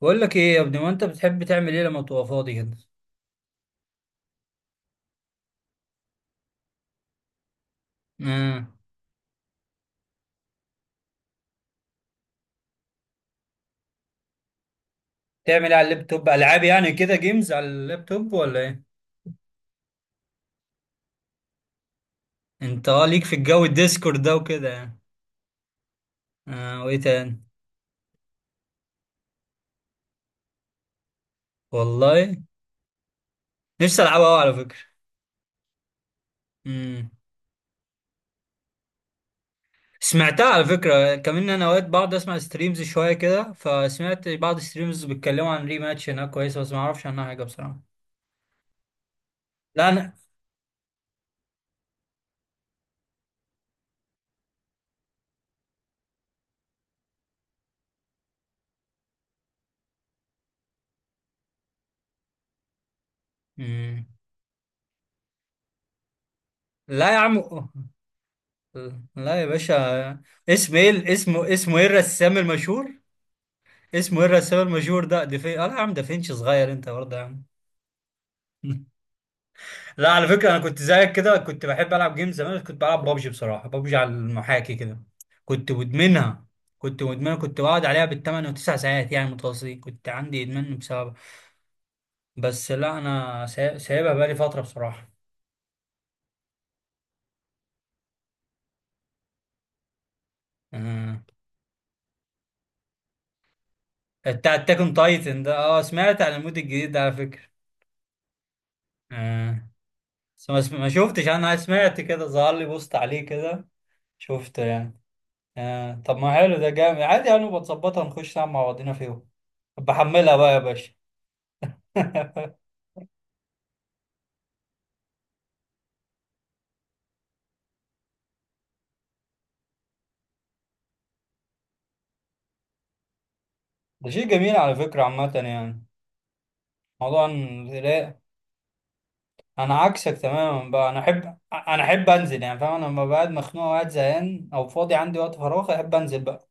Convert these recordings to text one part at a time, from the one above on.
بقول لك ايه يا ابني؟ ما انت بتحب تعمل ايه لما تبقى فاضي كده؟ امم تعمل ايه على اللابتوب؟ العاب يعني كده، جيمز على اللابتوب ولا ايه؟ انت اه، ليك في الجو الديسكورد ده وكده يعني؟ اه، وايه تاني؟ والله نفسي العبها قوي على فكره. امم سمعتها على فكره كمان. انا اوقات بقعد اسمع ستريمز شويه كده، فسمعت بعض ستريمز بيتكلموا عن ريماتش، هناك كويسه بس ما اعرفش عنها حاجه بصراحه. لا انا، امم، لا يا عم، لا يا باشا. اسم ايه؟ اسمه اسمه ايه الرسام المشهور؟ اسمه ايه الرسام المشهور ده؟ دافين، اه لا يا عم، دافينشي صغير انت برضه يا عم. لا على فكره انا كنت زيك كده، كنت بحب العب جيم زمان، بس كنت بلعب بابجي بصراحه، بابجي على المحاكي كده. كنت مدمنها، كنت مدمنها، كنت بقعد عليها بالثمان وتسع ساعات يعني متواصلين، كنت عندي ادمان بسببها. بس لا انا سايبها بقالي فتره بصراحه. آه. بتاع اتاك اون تايتن ده، اه سمعت عن المود الجديد ده على فكره. آه. بس ما شفتش، انا سمعت كده، ظهر لي بوست عليه كده، شفته يعني. آه. طب ما حلو، ده جامد عادي، هنبقى نظبطها نخش نلعب مع بعضينا فيهم. طب بحملها بقى يا باشا. ده شيء جميل على فكرة عامة يعني. لا، أنا عكسك تماما بقى، أنا أحب أنزل، يعني فاهم؟ أنا لما بقعد مخنوق وقاعد زهقان أو فاضي عندي وقت فراغ أحب أنزل بقى.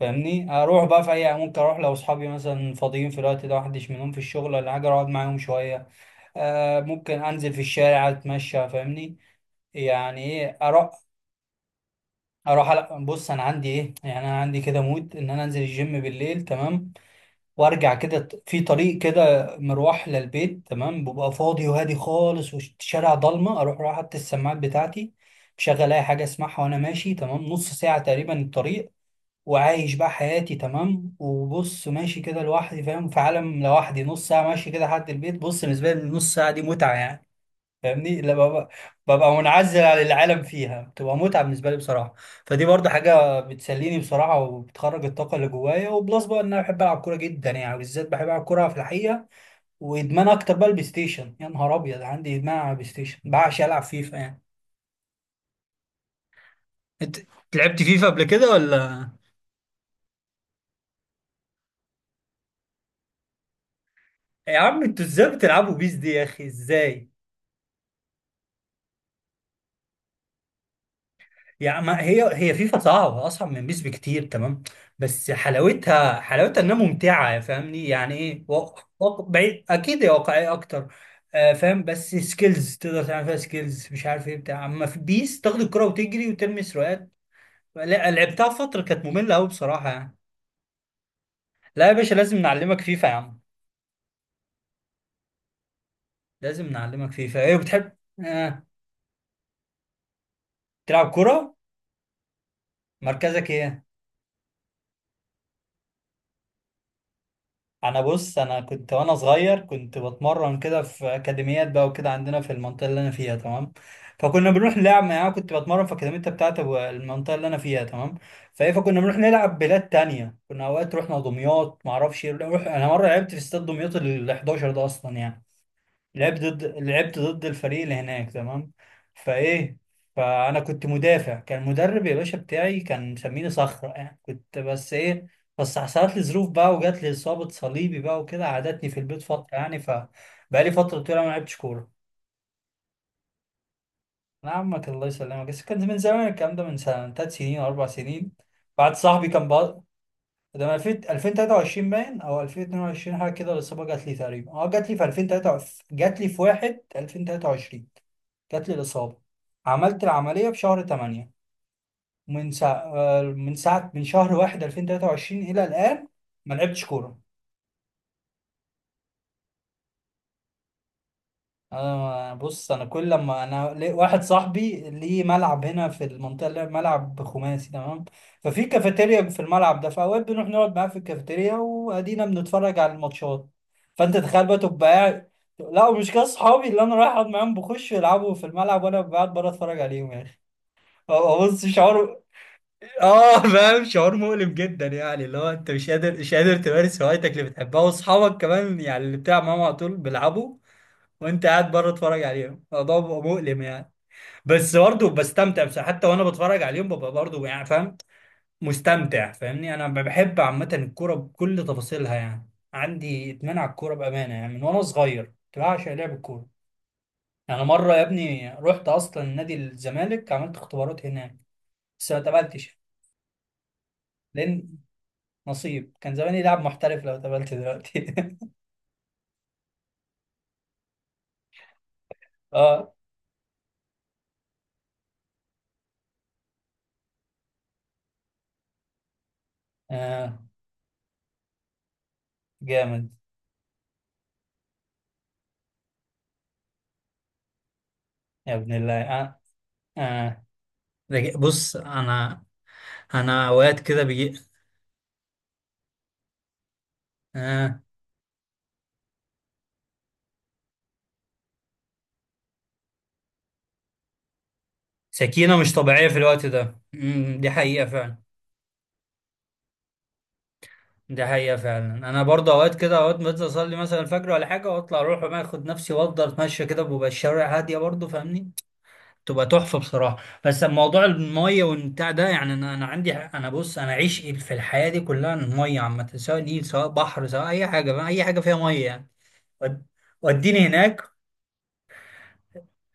فاهمني؟ أروح بقى في أي، ممكن أروح لو أصحابي مثلا فاضيين في الوقت ده، محدش منهم في الشغل ولا حاجة، أقعد معاهم شوية. آه، ممكن أنزل في الشارع أتمشى، فاهمني؟ يعني إيه، أروح اروح بص، انا عندي ايه يعني، انا عندي كده مود ان انا انزل الجيم بالليل، تمام؟ وارجع كده، في طريق كده مروح للبيت، تمام؟ ببقى فاضي وهادي خالص، والشارع ضلمه، اروح رايح حاطط السماعات بتاعتي مشغل اي حاجه اسمعها وانا ماشي، تمام؟ نص ساعه تقريبا الطريق، وعايش بقى حياتي، تمام؟ وبص ماشي كده لوحدي، فاهم؟ في عالم لوحدي نص ساعه ماشي كده لحد البيت. بص، بالنسبه لي النص ساعه دي متعه يعني. فاهمني؟ لما ببقى، منعزل عن العالم فيها، بتبقى متعة بالنسبة لي بصراحة. فدي برضه حاجة بتسليني بصراحة، وبتخرج الطاقة اللي جوايا، وبلس بقى ان انا بحب العب كورة جدا يعني، بالذات بحب العب كورة في الحقيقة. وادمان اكتر بقى البلاي ستيشن، يا نهار ابيض عندي ادمان على البلاي ستيشن، بعشق العب فيفا يعني. انت لعبت فيفا قبل كده ولا؟ يا عم انتوا ازاي بتلعبوا بيس دي يا اخي؟ ازاي؟ يعني ما هي هي فيفا صعبة، أصعب من بيس بكتير، تمام؟ بس حلاوتها، حلاوتها إنها ممتعة، فاهمني؟ يعني إيه، بعيد، أكيد هي واقعية أكتر. آه فاهم، بس سكيلز تقدر تعمل فيها، سكيلز مش عارف إيه بتاع، أما في بيس تاخد الكرة وتجري وترمي سروقات. لا لعبتها فترة كانت مملة أوي بصراحة يعني. لا يا باشا لازم نعلمك فيفا يا عم. لازم نعلمك فيفا. إيه بتحب؟ آه، تلعب كرة؟ مركزك إيه؟ انا بص، انا كنت وانا صغير كنت بتمرن كده في اكاديميات بقى وكده، عندنا في المنطقه اللي انا فيها، تمام؟ فكنا بنروح نلعب يعني، انا كنت بتمرن في اكاديميه بتاعت المنطقه اللي انا فيها، تمام؟ فايه، فكنا بنروح نلعب بلاد تانية، كنا اوقات رحنا دمياط، ما اعرفش إيه، نروح، انا مره لعبت في استاد دمياط ال 11 ده اصلا يعني. لعبت ضد الفريق اللي هناك، تمام؟ فايه، فانا كنت مدافع، كان المدرب يا باشا بتاعي كان مسميني صخره يعني، كنت بس ايه، بس حصلت لي ظروف بقى وجات لي اصابه صليبي بقى وكده، قعدتني في البيت فتره يعني، فبقى لي فتره طويله ما لعبتش كوره. نعمك الله يسلمك، بس كان من زمان الكلام ده، من سنه، ثلاث سنين او اربع سنين، بعد صاحبي كان بقى. ده من 2000 2023 باين او 2022 حاجه كده، الاصابه جات لي تقريبا، اه جات لي في 2023، جات لي في 1 2023، جات لي الاصابه. عملت العمليه في شهر 8. من ساعه آه، من ساعه من شهر 1 2023 الى الان ما لعبتش كوره. انا بص انا كل لما انا واحد صاحبي ليه ملعب هنا في المنطقه، اللي ملعب خماسي، تمام؟ ففي كافيتيريا في الملعب ده، فاوقات بنروح نقعد معاه في الكافيتيريا وادينا بنتفرج على الماتشات. فانت تخيل بقى، تبقى قاعد، لا مش كده، صحابي اللي انا رايح اقعد معاهم بخش يلعبوا في الملعب وانا قاعد بره اتفرج عليهم يا اخي. هو بص شعور، اه فاهم؟ شعور مؤلم جدا يعني، اللي هو انت مش قادر، تمارس هوايتك اللي بتحبها، واصحابك كمان يعني اللي بتلعب معاهم على طول بيلعبوا وانت قاعد بره اتفرج عليهم، الموضوع بيبقى مؤلم يعني. بس برضه بستمتع، بس حتى وانا بتفرج عليهم ببقى برضه يعني فاهم، مستمتع، فاهمني؟ انا بحب عامه الكوره بكل تفاصيلها يعني، عندي ادمان على الكوره بامانه يعني، من وانا صغير كنت بعشق لعب الكوره. يعني مره يا ابني رحت اصلا نادي الزمالك، عملت اختبارات هناك بس ما اتقبلتش لان نصيب، كان زماني لاعب محترف لو اتقبلت دلوقتي. اه، اه جامد. يا ابن الله، اه، اه بص انا، اوقات كده بيجي. آه. سكينه مش طبيعيه في الوقت ده، دي حقيقه فعلا. دي حقيقه فعلا، انا برضه اوقات كده، اوقات بنزل اصلي مثلا الفجر ولا حاجه، واطلع اروح بقى اخد نفسي وافضل اتمشى كده، بيبقى الشوارع هاديه برضه، فاهمني؟ تبقى تحفه بصراحه. بس موضوع الميه والبتاع ده يعني، انا عندي، انا بص انا عشق في الحياه دي كلها الميه عامه، سواء نيل، سواء بحر، سواء اي حاجه بقى، اي حاجه فيها ميه يعني. ود- وديني هناك.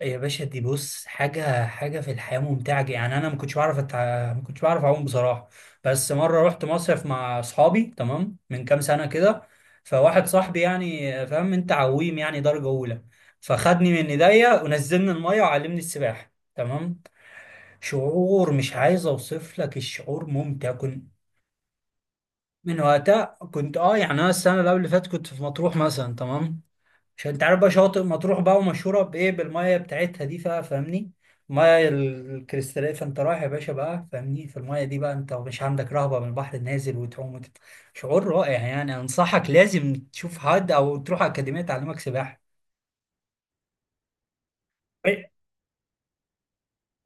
يا باشا دي بص حاجة، حاجة في الحياة ممتعة جدا. يعني أنا ما كنتش بعرف ما كنتش بعرف أعوم بصراحة. بس مرة رحت مصيف مع أصحابي، تمام، من كام سنة كده. فواحد صاحبي، يعني فاهم أنت، عويم يعني درجة أولى، فخدني من إيديا ونزلني المية وعلمني السباحة، تمام؟ شعور مش عايز أوصف لك، الشعور ممتع كنت. من وقتها كنت أه يعني، أنا السنة اللي قبل اللي فاتت كنت في مطروح مثلا، تمام؟ عشان انت عارف بقى شواطئ مطروح بقى، ومشهوره بايه، بالميه بتاعتها دي، فاهمني؟ الميه الكريستاليه. فانت رايح يا باشا بقى فاهمني، في الميه دي بقى، انت مش عندك رهبه من البحر، النازل وتعوم وتت... شعور رائع يعني، انصحك لازم تشوف حد او تروح اكاديميه تعلمك سباحه. إيه؟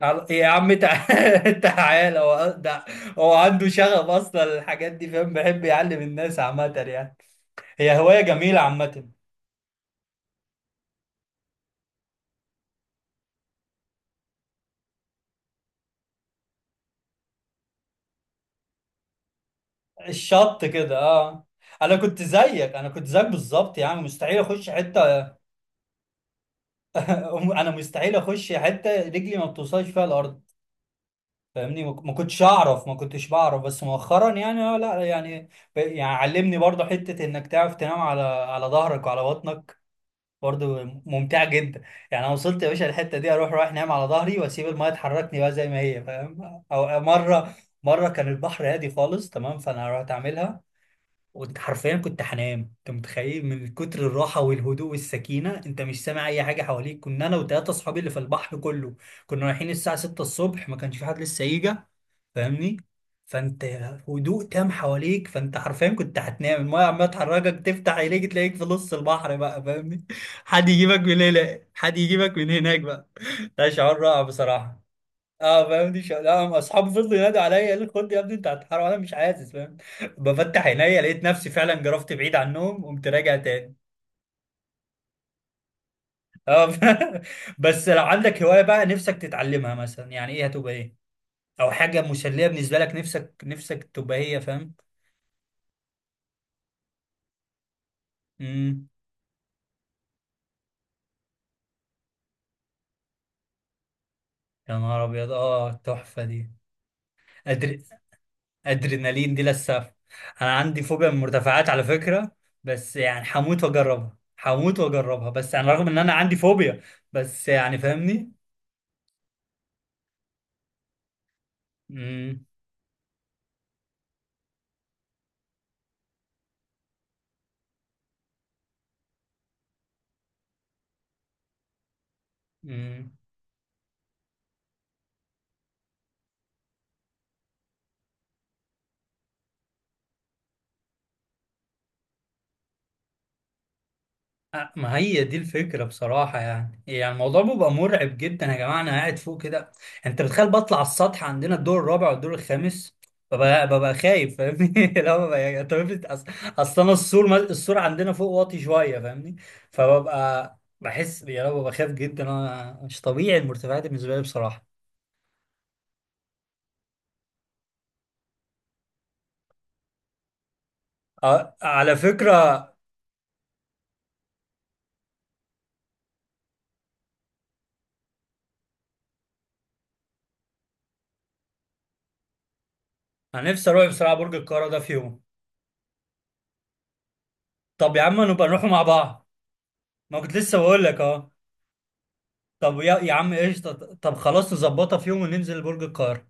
على- يا عم تع- تعالى هو ده. هو عنده شغف اصلا الحاجات دي، فاهم بيحب يعلم الناس عامه يعني. هي هوايه جميله عامه. الشط كده اه. انا كنت زيك بالظبط يعني، مستحيل اخش حته. انا مستحيل اخش حته رجلي ما بتوصلش فيها الارض، فاهمني؟ ما كنتش اعرف، ما كنتش بعرف، بس مؤخرا يعني اه، لا يعني، يعني علمني برضه حته انك تعرف تنام على على ظهرك وعلى بطنك، برضه ممتعه جدا. يعني انا وصلت يا باشا الحته دي اروح رايح نايم على ظهري واسيب الميه تحركني بقى زي ما هي، فاهم؟ او مره، كان البحر هادي خالص تمام، فانا رحت اعملها. وانت حرفيا كنت هنام، انت متخيل؟ من كتر الراحه والهدوء والسكينه انت مش سامع اي حاجه حواليك، كنا انا وثلاثه اصحابي اللي في البحر كله، كنا رايحين الساعه 6 الصبح، ما كانش في حد لسه يجي، فاهمني؟ فانت هدوء تام حواليك، فانت حرفيا كنت هتنام، المايه عماله تحركك، تفتح عينيك تلاقيك في نص البحر بقى، فاهمني؟ حد يجيبك من هنا، حد يجيبك من هناك بقى. ده شعور رائع بصراحه. اه فاهمني، لا اصحابي فضلوا ينادوا عليا، قالوا لي خد يا ابني انت هتحرق، وانا مش عايز فاهم، بفتح عينيا لقيت نفسي فعلا جرفت بعيد عنهم، قمت راجع تاني. اه بس لو عندك هوايه بقى نفسك تتعلمها مثلا يعني ايه؟ هتبقى ايه، او حاجه مسليه بالنسبه لك، نفسك نفسك تبقى هي، فاهم؟ امم يا نهار ابيض، اه التحفه دي. أدر... ادرينالين دي للسف. انا عندي فوبيا من المرتفعات على فكره، بس يعني هموت واجربها، هموت واجربها، بس يعني رغم ان انا عندي فوبيا، بس يعني فاهمني. امم امم أه، ما هي دي الفكرة بصراحة يعني، يعني الموضوع بيبقى مرعب جدا يا جماعة، أنا قاعد فوق كده. أنت بتخيل؟ بطلع على السطح عندنا الدور الرابع والدور الخامس، ببقى خايف فاهمني. لا ببقى يعني، طب افرض أصل أنا السور السور عندنا فوق واطي شوية، فاهمني؟ فببقى بحس يا رب، ببقى خايف جدا، أنا مش طبيعي المرتفعات بالنسبة لي بصراحة. أه، على فكرة أنا نفسي أروح بصراحة برج القاهرة ده في يوم. طب يا عم نبقى نروح مع بعض، ما كنت لسه بقول لك أهو. طب يا عم قشطة، طب خلاص نظبطها في يوم وننزل برج القاهرة.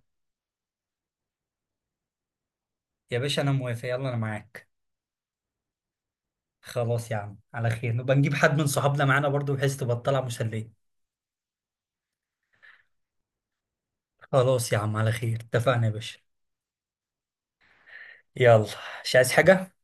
يا باشا أنا موافق، يلا أنا معاك. خلاص يا عم على خير، نبقى نجيب حد من صحابنا معانا برضو بحيث تبقى الطلعة مسلية. خلاص يا عم على خير، اتفقنا يا باشا. يلا، مش عايز حاجة.